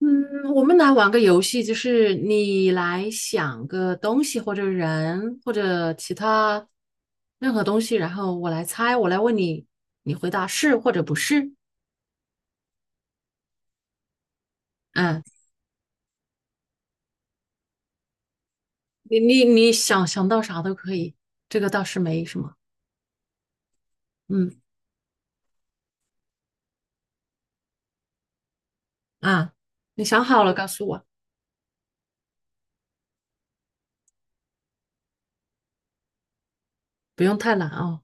嗯，我们来玩个游戏，就是你来想个东西或者人或者其他任何东西，然后我来猜，我来问你，你回答是或者不是。嗯，你想到啥都可以，这个倒是没什么。嗯啊，你想好了告诉我，不用太难哦。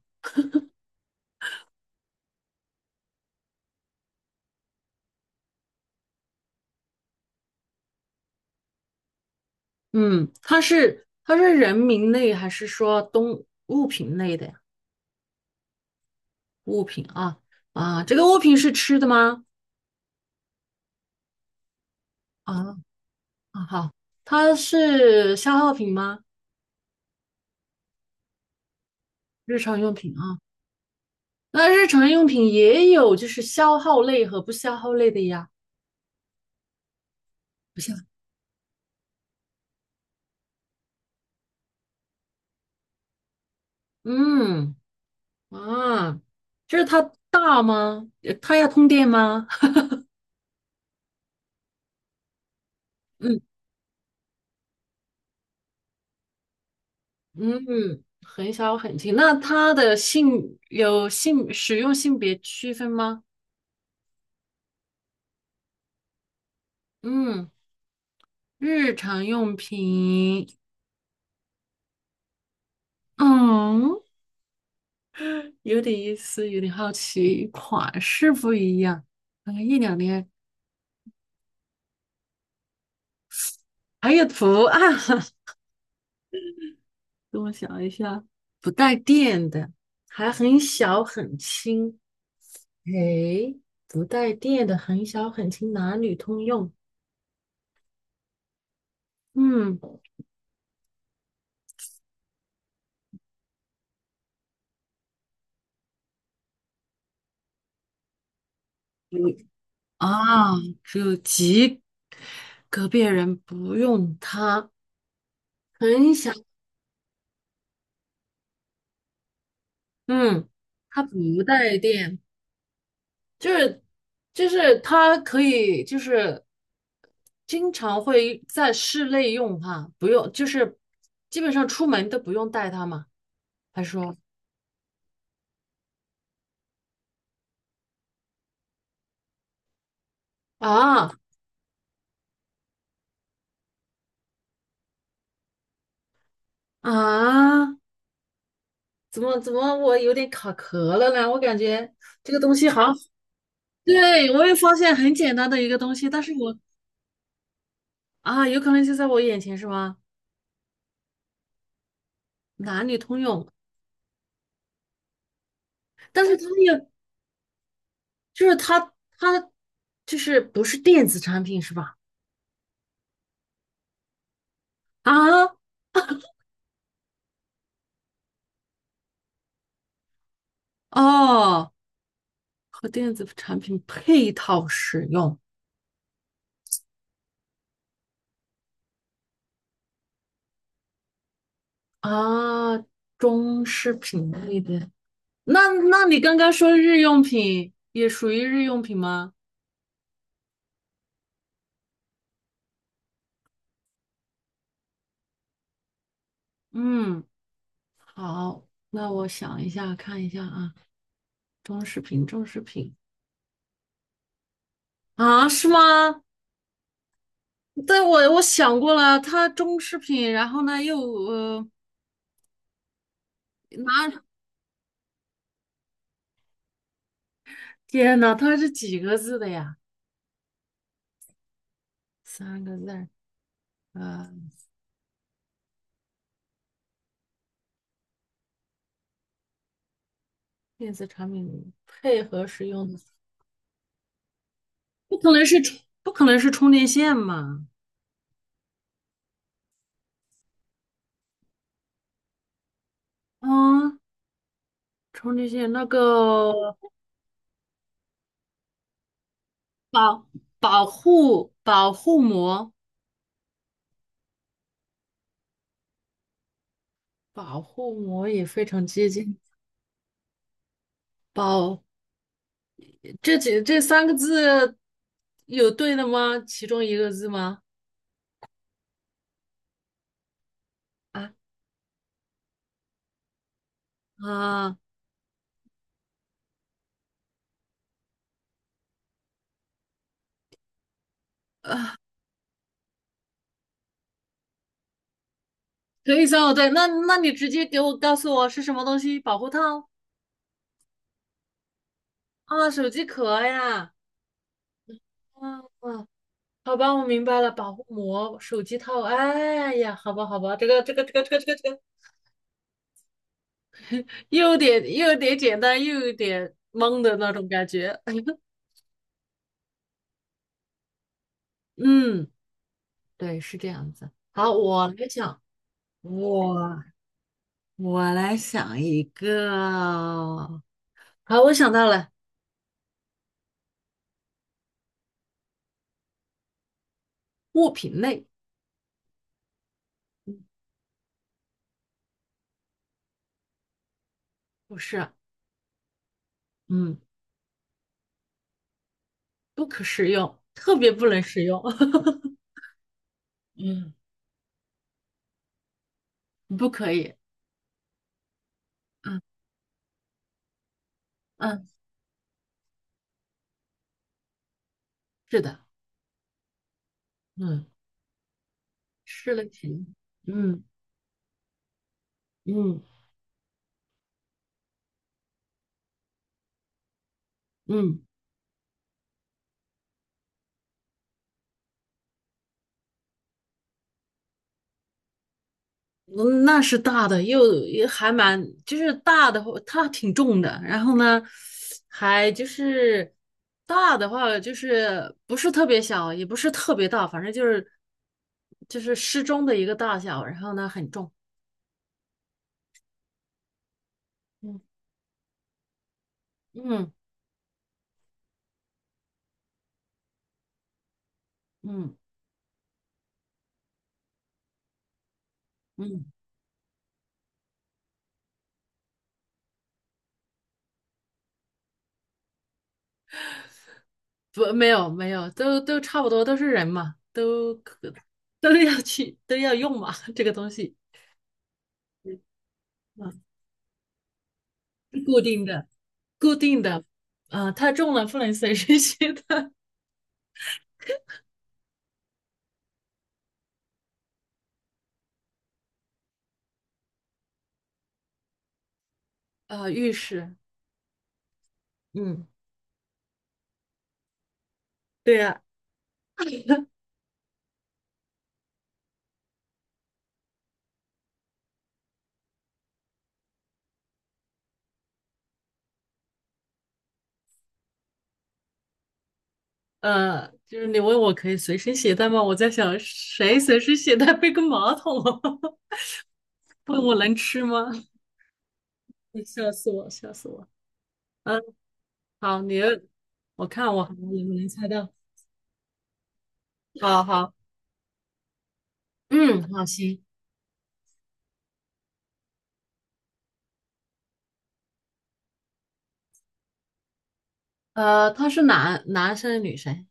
嗯，它是人名类还是说动物品类的呀？物品啊，这个物品是吃的吗？啊。啊，好，它是消耗品吗？日常用品啊，那日常用品也有就是消耗类和不消耗类的呀。不像，嗯，啊，就是它大吗？它要通电吗？嗯嗯，很小很轻。那它的性有性使用性别区分吗？嗯，日常用品，嗯，有点意思，有点好奇，款式不一样，可能一两年。还有图案，等我想一下，还很小很轻。诶，不带电的很小很轻，男女通用。嗯，嗯啊，只有极个别人不用它，很小。嗯，它不带电，就是就是它可以就是经常会在室内用哈，不用就是基本上出门都不用带它嘛。他说。啊啊！怎么我有点卡壳了呢？我感觉这个东西好像，对，我也发现很简单的一个东西，但是我啊，有可能就在我眼前是吗？男女通用，但是它也就是它就是不是电子产品是吧？啊哦，和电子产品配套使用啊，中饰品类的。那那你刚刚说日用品也属于日用品吗？嗯。好，那我想一下，看一下啊，装饰品，装饰品啊，是吗？对，我想过了，它装饰品，然后呢又拿，天呐，它是几个字的呀？三个字儿，呃，电子产品配合使用的，不可能是充电线嘛？嗯，充电线那个保保护膜，保护膜也非常接近，保这几这三个字有对的吗？其中一个字吗？啊，啊，可以算我对。那那你直接给我告诉我是什么东西？保护套啊，手机壳呀。啊，好吧，我明白了，保护膜、手机套。哎呀，好吧，好吧，这个，又有点简单，又有点懵的那种感觉。嗯，对，是这样子。好，我来想，我我来想一个。好，我想到了物品类，不是，嗯，不可食用，特别不能食用，嗯，不可以，嗯嗯，是的，嗯，是类型，嗯嗯嗯，嗯那是大的，又也还蛮，就是大的话，它挺重的，然后呢，还就是大的话，就是不是特别小，也不是特别大，反正就是适中的一个大小，然后呢，很重，嗯嗯嗯。嗯，不，没有没有，都差不多，都是人嘛，都要去都要用嘛，这个东西啊，是固定的，固定的，啊，太重了不能随身携带 啊，浴室，嗯，对呀、就是你问我可以随身携带吗？我在想谁随身携带背个马桶啊 问我能吃吗？笑死我，笑死我。嗯，好，我看我还能不能猜到？好好，嗯，好，行。他是生女生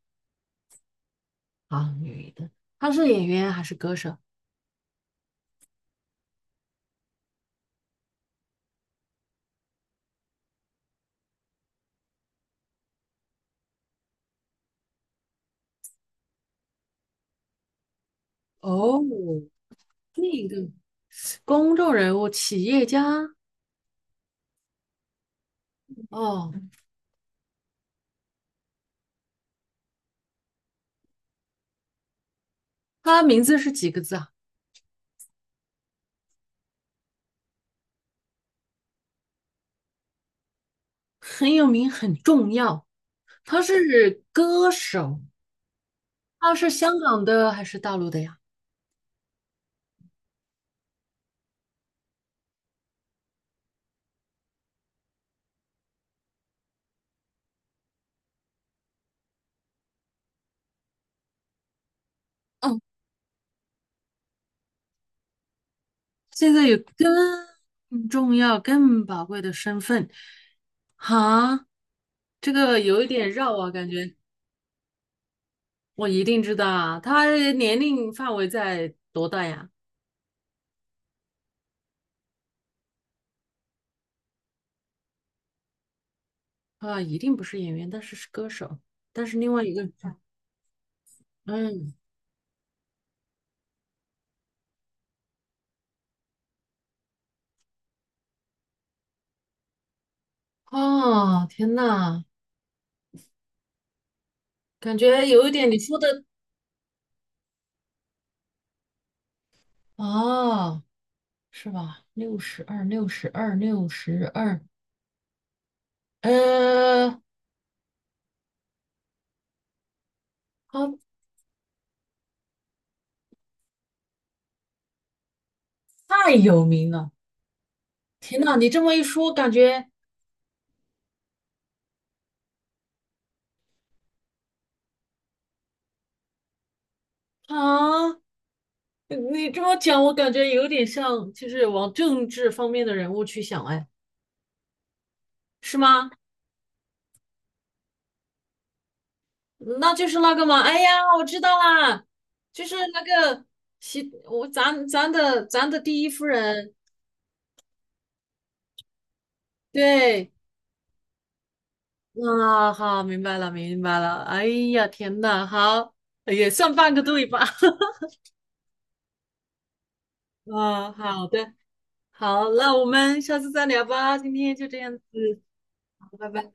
啊，女的，他是演员还是歌手？哦，这个公众人物、企业家哦，他名字是几个字啊？很有名，很重要。他是歌手，他是香港的还是大陆的呀？哦，现在有更重要、更宝贵的身份，哈，这个有一点绕啊，感觉我一定知道啊。他年龄范围在多大呀？啊，一定不是演员，但是是歌手，但是另外一个，嗯，哦，天呐，感觉有一点你说的啊，是吧？六十二，六十二，六十二，呃，他太有名了。天呐，你这么一说，感觉啊，你这么讲，我感觉有点像，就是往政治方面的人物去想，哎，是吗？那就是那个嘛，哎呀，我知道啦，就是那个习，我咱的第一夫人，对，啊，好，明白了，明白了，哎呀，天呐，好，也算半个对吧？啊，好的，好，那我们下次再聊吧，今天就这样子，好，拜拜。